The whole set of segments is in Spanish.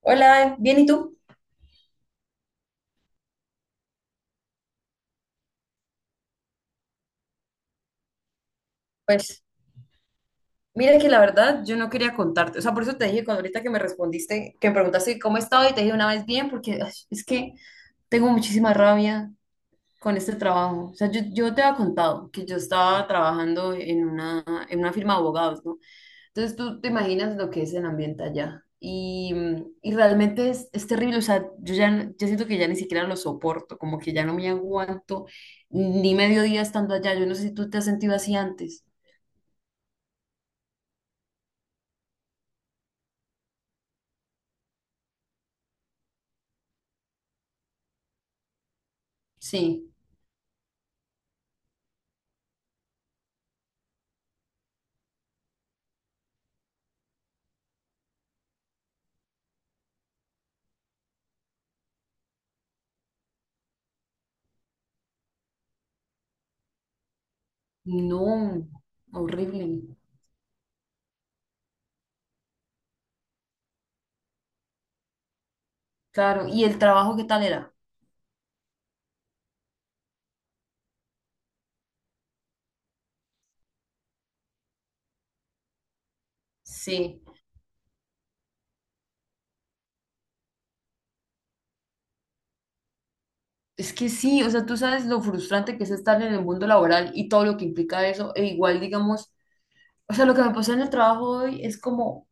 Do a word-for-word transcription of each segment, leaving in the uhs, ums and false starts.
Hola, bien, ¿y tú? Pues mira que la verdad yo no quería contarte, o sea, por eso te dije cuando ahorita que me respondiste, que me preguntaste cómo estaba y te dije una vez bien, porque ay, es que tengo muchísima rabia con este trabajo. O sea, yo, yo te había contado que yo estaba trabajando en una, en una firma de abogados, ¿no? Entonces tú te imaginas lo que es el ambiente allá. Y, y realmente es, es terrible, o sea, yo ya, no- yo siento que ya ni siquiera lo soporto, como que ya no me aguanto ni medio día estando allá. Yo no sé si tú te has sentido así antes. Sí, no, horrible. Claro, ¿y el trabajo qué tal era? Sí, es que sí, o sea, tú sabes lo frustrante que es estar en el mundo laboral y todo lo que implica eso, e igual, digamos, o sea, lo que me pasó en el trabajo hoy es como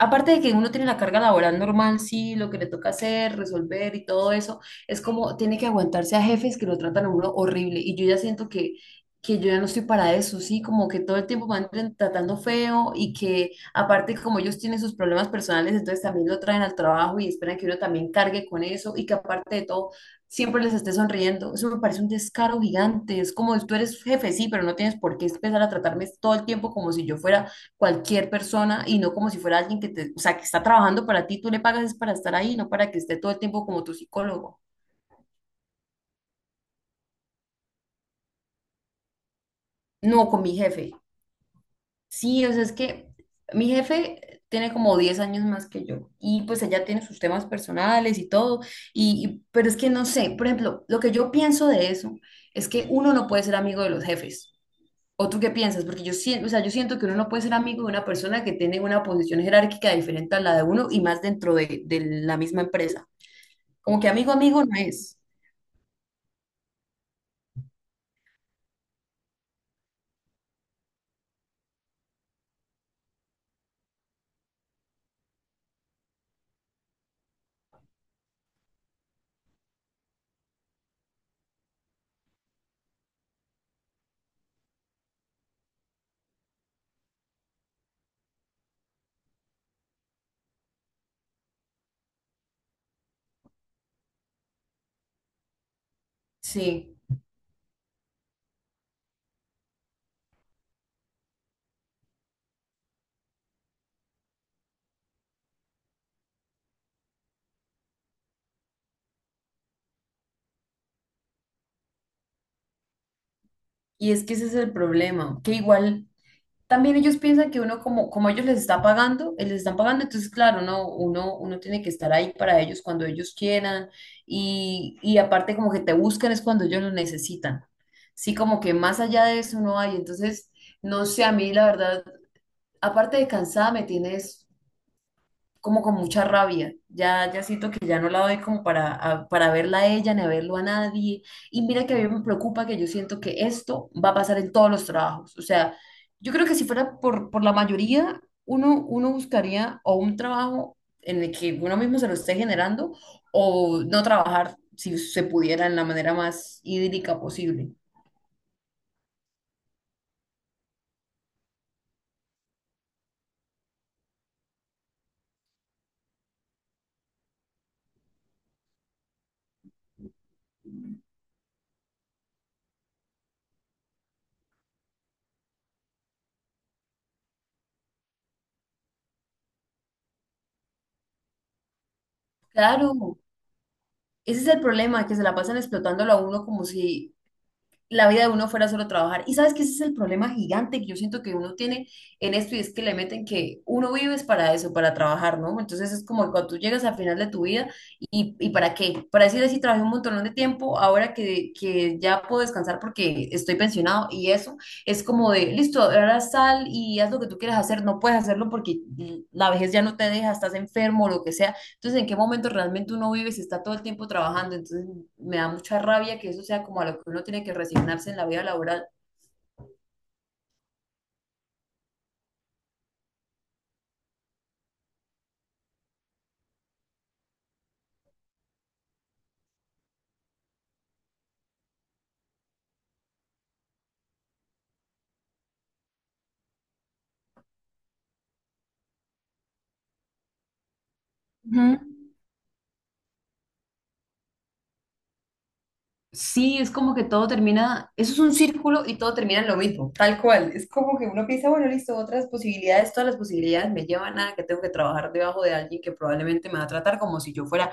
aparte de que uno tiene la carga laboral normal, sí, lo que le toca hacer, resolver y todo eso, es como tiene que aguantarse a jefes que lo tratan a uno horrible. Y yo ya siento que, que yo ya no estoy para eso, sí, como que todo el tiempo me andan tratando feo y que aparte como ellos tienen sus problemas personales, entonces también lo traen al trabajo y esperan que uno también cargue con eso y que aparte de todo siempre les esté sonriendo. Eso me parece un descaro gigante. Es como tú eres jefe, sí, pero no tienes por qué empezar a tratarme todo el tiempo como si yo fuera cualquier persona y no como si fuera alguien que te, o sea, que está trabajando para ti, tú le pagas es para estar ahí, no para que esté todo el tiempo como tu psicólogo. No, con mi jefe. Sí, o sea, es que mi jefe tiene como diez años más que yo y pues ella tiene sus temas personales y todo, y, y- pero es que no sé, por ejemplo, lo que yo pienso de eso es que uno no puede ser amigo de los jefes. ¿O tú qué piensas? Porque yo siento, o sea, yo siento que uno no puede ser amigo de una persona que tiene una posición jerárquica diferente a la de uno y más dentro de, de la misma empresa. Como que amigo, amigo no es. Sí. Y es que ese es el problema. Que igual también ellos piensan que uno, como, como ellos les está pagando, eh, les están pagando, entonces, claro, no, uno, uno tiene que estar ahí para ellos cuando ellos quieran. Y, y aparte, como que te buscan es cuando ellos lo necesitan. Sí, como que más allá de eso no hay. Entonces, no sé, a mí la verdad, aparte de cansada, me tienes como con mucha rabia. Ya, ya siento que ya no la doy como para, a- para verla a ella ni a verlo a nadie. Y mira que a mí me preocupa que yo siento que esto va a pasar en todos los trabajos. O sea, yo creo que si fuera por, por la mayoría, uno, uno buscaría o un trabajo en el que uno mismo se lo esté generando o no trabajar si se pudiera en la manera más idílica posible. Claro, ese es el problema, que se la pasan explotándolo a uno como si la vida de uno fuera solo trabajar. Y sabes que ese es el problema gigante que yo siento que uno tiene en esto y es que le meten que uno vives para eso, para trabajar, ¿no? Entonces es como que cuando tú llegas al final de tu vida y, y ¿para qué? Para decir así, trabajé un montón de tiempo, ahora que, que ya puedo descansar porque estoy pensionado y eso es como de, listo, ahora sal y haz lo que tú quieras hacer, no puedes hacerlo porque la vejez ya no te deja, estás enfermo o lo que sea, entonces, ¿en qué momento realmente uno vive si está todo el tiempo trabajando? Entonces, me da mucha rabia que eso sea como a lo que uno tiene que resignarse en la vida laboral. Ujú. Sí, es como que todo termina, eso es un círculo y todo termina en lo mismo, tal cual. Es como que uno piensa, bueno, listo, otras posibilidades, todas las posibilidades me llevan a que tengo que trabajar debajo de alguien que probablemente me va a tratar como si yo fuera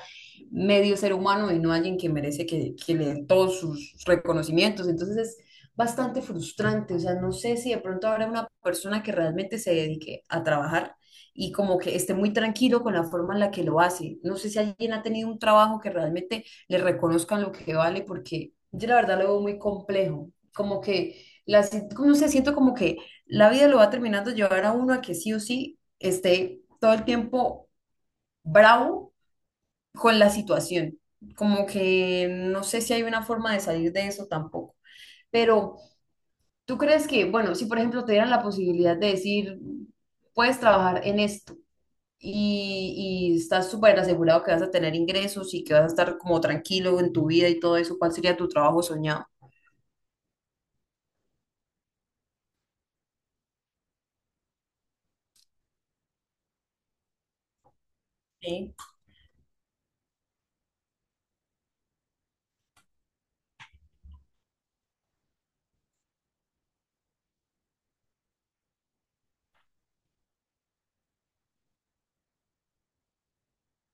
medio ser humano y no alguien que merece que, que le den todos sus reconocimientos. Entonces es bastante frustrante, o sea, no sé si de pronto habrá una persona que realmente se dedique a trabajar y como que esté muy tranquilo con la forma en la que lo hace. No sé si alguien ha tenido un trabajo que realmente le reconozcan lo que vale, porque yo la verdad lo veo muy complejo, como que, la, si- como no sé, siento como que la vida lo va terminando llevar a uno a que sí o sí esté todo el tiempo bravo con la situación, como que no sé si hay una forma de salir de eso tampoco, pero ¿tú crees que, bueno, si por ejemplo te dieran la posibilidad de decir, puedes trabajar en esto? y, y estás súper asegurado que vas a tener ingresos y que vas a estar como tranquilo en tu vida y todo eso, ¿cuál sería tu trabajo soñado? Sí.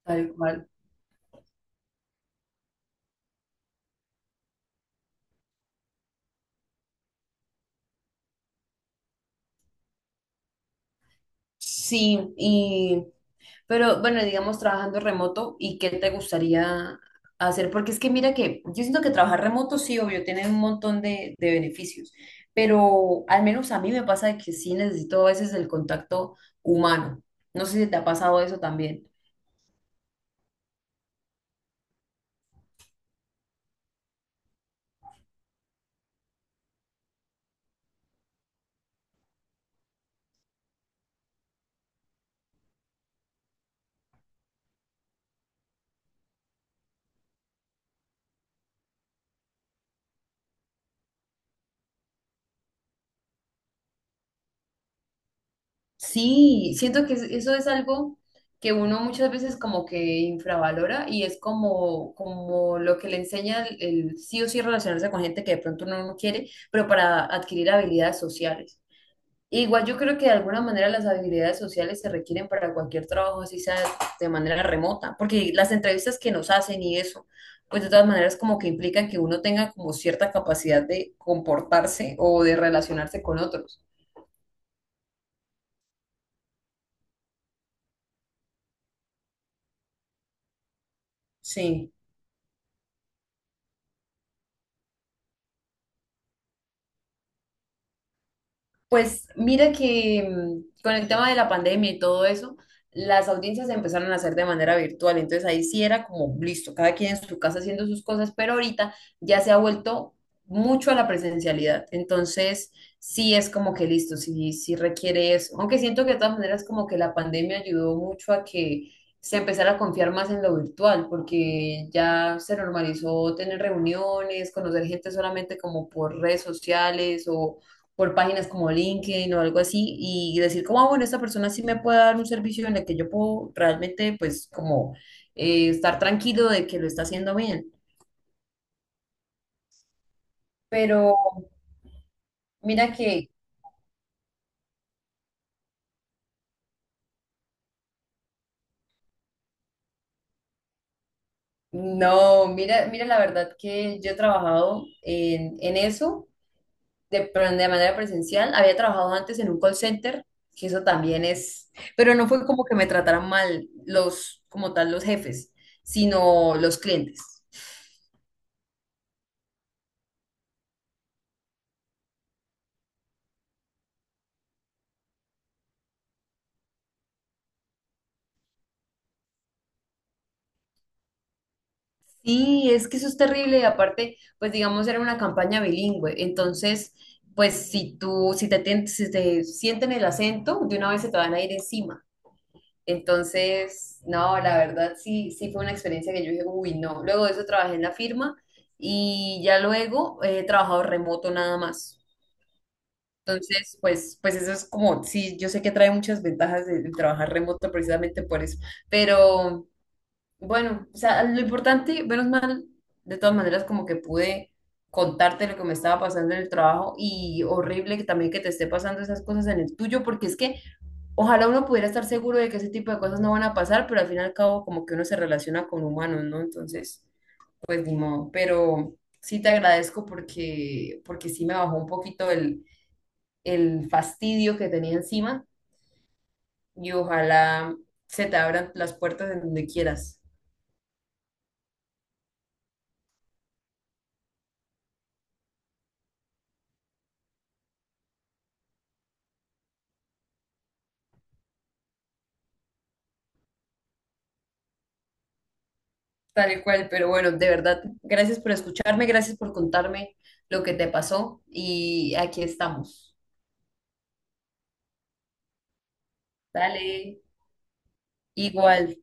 Tal cual. Sí, y, pero bueno, digamos trabajando remoto, ¿y qué te gustaría hacer? Porque es que mira que yo siento que trabajar remoto sí, obvio, tiene un montón de, de beneficios, pero al menos a mí me pasa de que sí necesito a veces el contacto humano. No sé si te ha pasado eso también. Sí, siento que es- eso es algo que uno muchas veces como que infravalora y es como, como lo que le enseña el, el sí o sí relacionarse con gente que de pronto uno no quiere, pero para adquirir habilidades sociales. Igual yo creo que de alguna manera las habilidades sociales se requieren para cualquier trabajo, así sea de manera remota, porque las entrevistas que nos hacen y eso, pues de todas maneras como que implican que uno tenga como cierta capacidad de comportarse o de relacionarse con otros. Sí. Pues mira que mm, con el tema de la pandemia y todo eso, las audiencias se empezaron a hacer de manera virtual, entonces ahí sí era como listo, cada quien en su casa haciendo sus cosas, pero ahorita ya se ha vuelto mucho a la presencialidad, entonces sí es como que listo, sí, sí requiere eso, aunque siento que de todas maneras como que la pandemia ayudó mucho a que se empezara a confiar más en lo virtual, porque ya se normalizó tener reuniones, conocer gente solamente como por redes sociales o por páginas como LinkedIn o algo así y decir como, ah, bueno, esta persona sí me puede dar un servicio en el que yo puedo realmente pues como eh, estar tranquilo de que lo está haciendo bien. Pero mira que, no, mira, mira la verdad que yo he trabajado en, en eso de, pero de manera presencial. Había trabajado antes en un call center, que eso también es, pero no fue como que me trataran mal los, como tal, los jefes, sino los clientes. Sí, es que eso es terrible y aparte, pues digamos, era una campaña bilingüe, entonces, pues si tú, si te, tien- si te sienten el acento, de una vez se te van a ir encima. Entonces, no, la verdad sí, sí fue una experiencia que yo dije, uy, no. Luego de eso trabajé en la firma y ya luego he trabajado remoto nada más. Entonces, pues, pues eso es como, sí, yo sé que trae muchas ventajas de, de trabajar remoto precisamente por eso, pero. Bueno, o sea, lo importante, menos mal, de todas maneras, como que pude contarte lo que me estaba pasando en el trabajo y horrible que también que te esté pasando esas cosas en el tuyo, porque es que ojalá uno pudiera estar seguro de que ese tipo de cosas no van a pasar, pero al fin y al cabo como que uno se relaciona con humanos, ¿no? Entonces, pues ni modo, pero sí te agradezco porque, porque sí me bajó un poquito el, el fastidio que tenía encima y ojalá se te abran las puertas en donde quieras. Tal y cual, pero bueno, de verdad, gracias por escucharme, gracias por contarme lo que te pasó y aquí estamos. Dale, igual.